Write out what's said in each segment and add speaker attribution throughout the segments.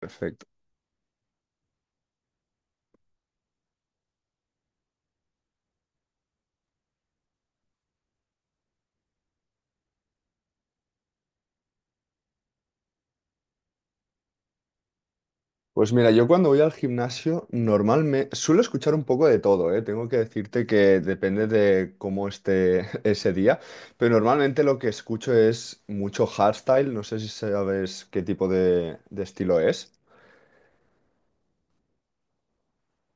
Speaker 1: Perfecto. Pues mira, yo cuando voy al gimnasio normalmente suelo escuchar un poco de todo, ¿eh? Tengo que decirte que depende de cómo esté ese día, pero normalmente lo que escucho es mucho hardstyle, no sé si sabes qué tipo de estilo es.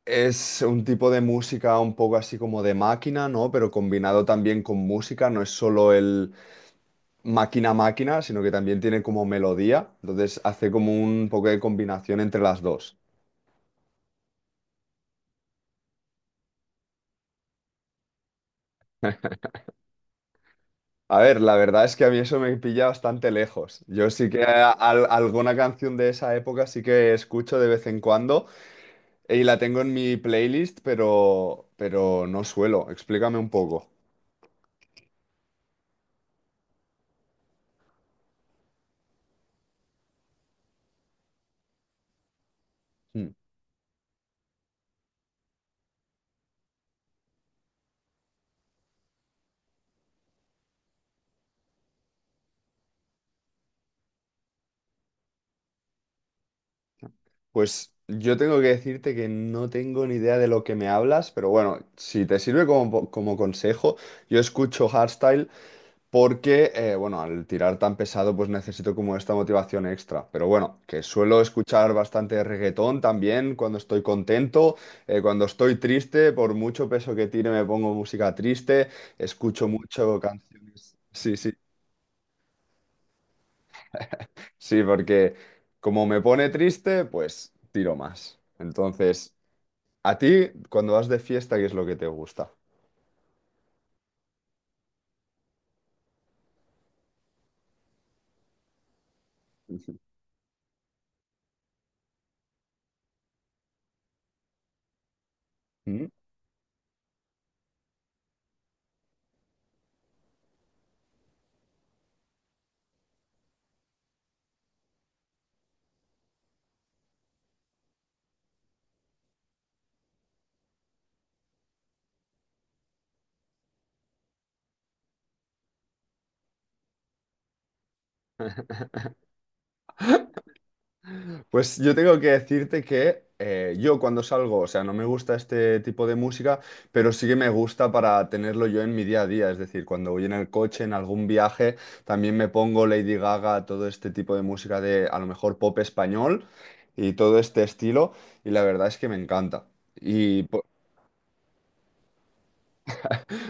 Speaker 1: Es un tipo de música un poco así como de máquina, ¿no? Pero combinado también con música, no es solo el máquina-máquina, sino que también tiene como melodía, entonces hace como un poco de combinación entre las dos. A ver, la verdad es que a mí eso me pilla bastante lejos. Yo sí que alguna canción de esa época sí que escucho de vez en cuando y la tengo en mi playlist, pero no suelo. Explícame un poco. Mm. Pues yo tengo que decirte que no tengo ni idea de lo que me hablas, pero bueno, si te sirve como, como consejo, yo escucho hardstyle. Porque, bueno, al tirar tan pesado, pues necesito como esta motivación extra. Pero bueno, que suelo escuchar bastante reggaetón también cuando estoy contento, cuando estoy triste, por mucho peso que tire me pongo música triste, escucho mucho canciones. Sí, sí, sí, porque como me pone triste, pues tiro más. Entonces, ¿a ti cuando vas de fiesta, qué es lo que te gusta? ¿Mm? Pues yo tengo que decirte que yo cuando salgo, o sea, no me gusta este tipo de música, pero sí que me gusta para tenerlo yo en mi día a día. Es decir, cuando voy en el coche, en algún viaje, también me pongo Lady Gaga, todo este tipo de música de a lo mejor pop español y todo este estilo, y la verdad es que me encanta. Y po-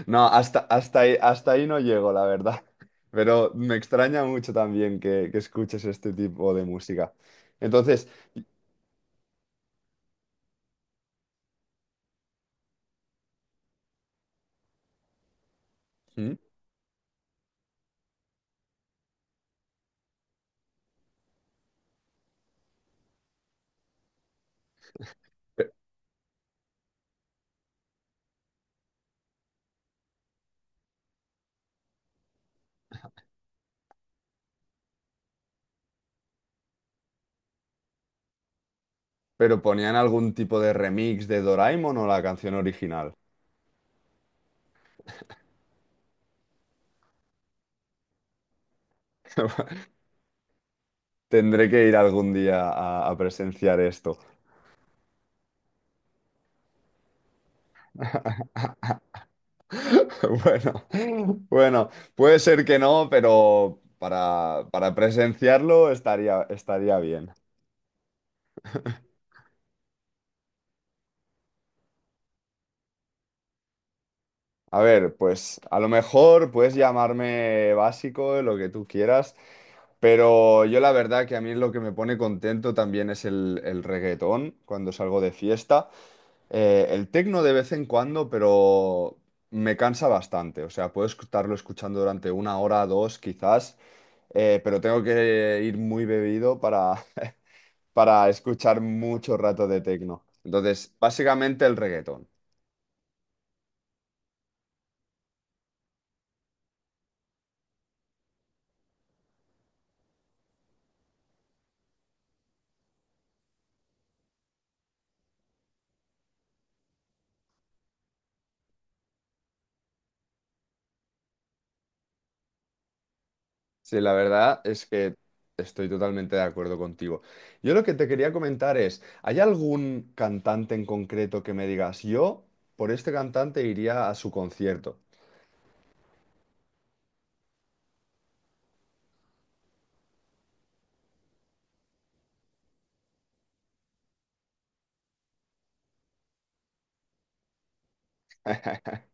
Speaker 1: no, hasta, hasta ahí no llego, la verdad. Pero me extraña mucho también que escuches este tipo de música. Entonces... ¿Mm? Pero ponían algún tipo de remix de Doraemon o la canción original. Tendré que ir algún día a presenciar esto. Bueno, bueno, puede ser que no, pero para presenciarlo estaría bien. A ver, pues a lo mejor puedes llamarme básico, lo que tú quieras, pero yo la verdad que a mí lo que me pone contento también es el reggaetón cuando salgo de fiesta. El tecno de vez en cuando, pero me cansa bastante. O sea, puedo estarlo escuchando durante una hora, dos quizás, pero tengo que ir muy bebido para para escuchar mucho rato de tecno. Entonces, básicamente el reggaetón. Sí, la verdad es que estoy totalmente de acuerdo contigo. Yo lo que te quería comentar es, ¿hay algún cantante en concreto que me digas, yo por este cantante iría a su concierto?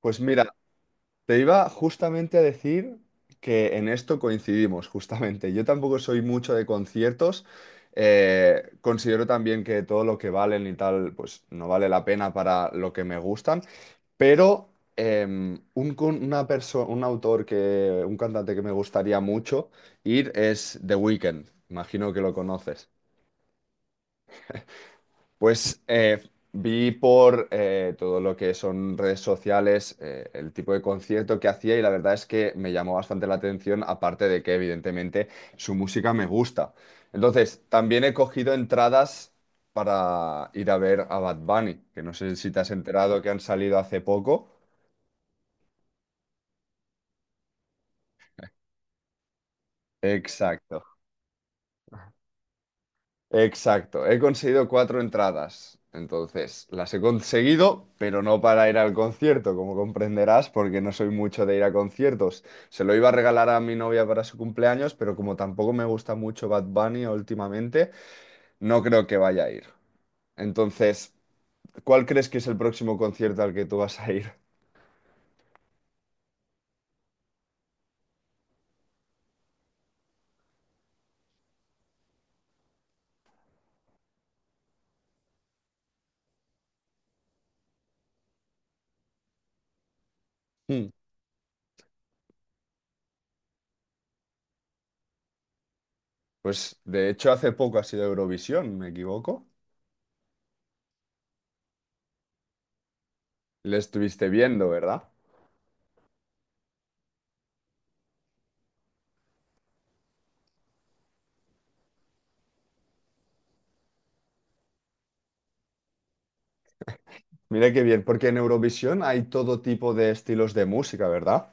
Speaker 1: Pues mira, te iba justamente a decir que en esto coincidimos, justamente. Yo tampoco soy mucho de conciertos. Considero también que todo lo que valen y tal, pues no vale la pena para lo que me gustan. Pero em, un, con- una perso- un autor un cantante que me gustaría mucho ir es The Weeknd. Imagino que lo conoces. Pues vi por todo lo que son redes sociales el tipo de concierto que hacía y la verdad es que me llamó bastante la atención, aparte de que evidentemente su música me gusta. Entonces, también he cogido entradas para ir a ver a Bad Bunny, que no sé si te has enterado que han salido hace poco. Exacto. Exacto, he conseguido cuatro entradas. Entonces, las he conseguido, pero no para ir al concierto, como comprenderás, porque no soy mucho de ir a conciertos. Se lo iba a regalar a mi novia para su cumpleaños, pero como tampoco me gusta mucho Bad Bunny últimamente, no creo que vaya a ir. Entonces, ¿cuál crees que es el próximo concierto al que tú vas a ir? Hmm. Pues de hecho hace poco ha sido Eurovisión, ¿me equivoco? Le estuviste viendo, ¿verdad? Mira qué bien, porque en Eurovisión hay todo tipo de estilos de música, ¿verdad?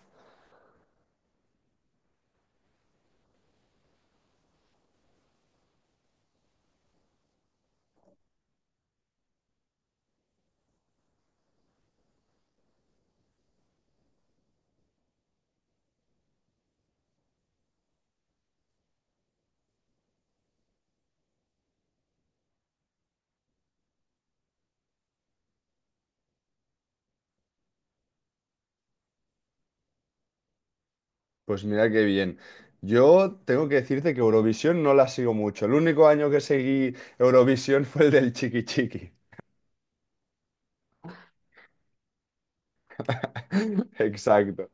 Speaker 1: Pues mira qué bien. Yo tengo que decirte que Eurovisión no la sigo mucho. El único año que seguí Eurovisión fue el del Chiqui Chiqui. Exacto,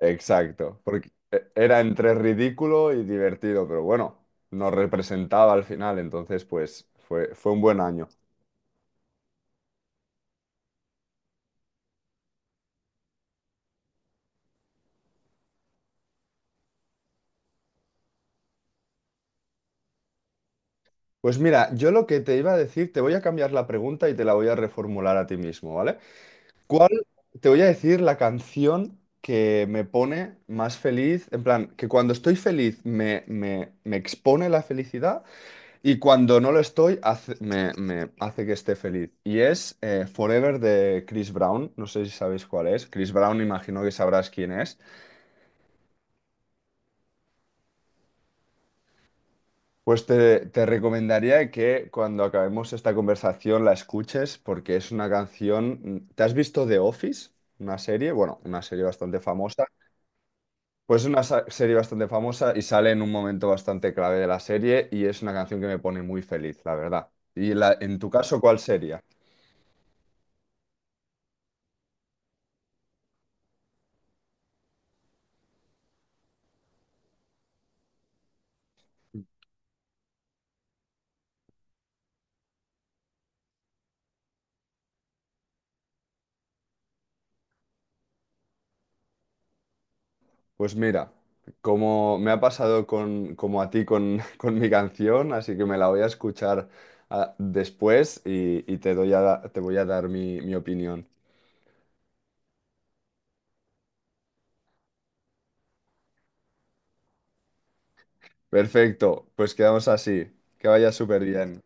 Speaker 1: exacto. Porque era entre ridículo y divertido, pero bueno, nos representaba al final, entonces pues fue, fue un buen año. Pues mira, yo lo que te iba a decir, te voy a cambiar la pregunta y te la voy a reformular a ti mismo, ¿vale? ¿Cuál? Te voy a decir la canción que me pone más feliz, en plan, que cuando estoy feliz me, me, me expone la felicidad y cuando no lo estoy me, me hace que esté feliz. Y es Forever de Chris Brown, no sé si sabéis cuál es. Chris Brown, imagino que sabrás quién es. Pues te recomendaría que cuando acabemos esta conversación la escuches porque es una canción... ¿Te has visto The Office? Una serie, bueno, una serie bastante famosa. Pues es una serie bastante famosa y sale en un momento bastante clave de la serie y es una canción que me pone muy feliz, la verdad. Y la, en tu caso, ¿cuál sería? Pues mira, como me ha pasado con, como a ti con, con mi canción, así que me la voy a escuchar después y te doy a te voy a dar mi opinión. Perfecto, pues quedamos así. Que vaya súper bien.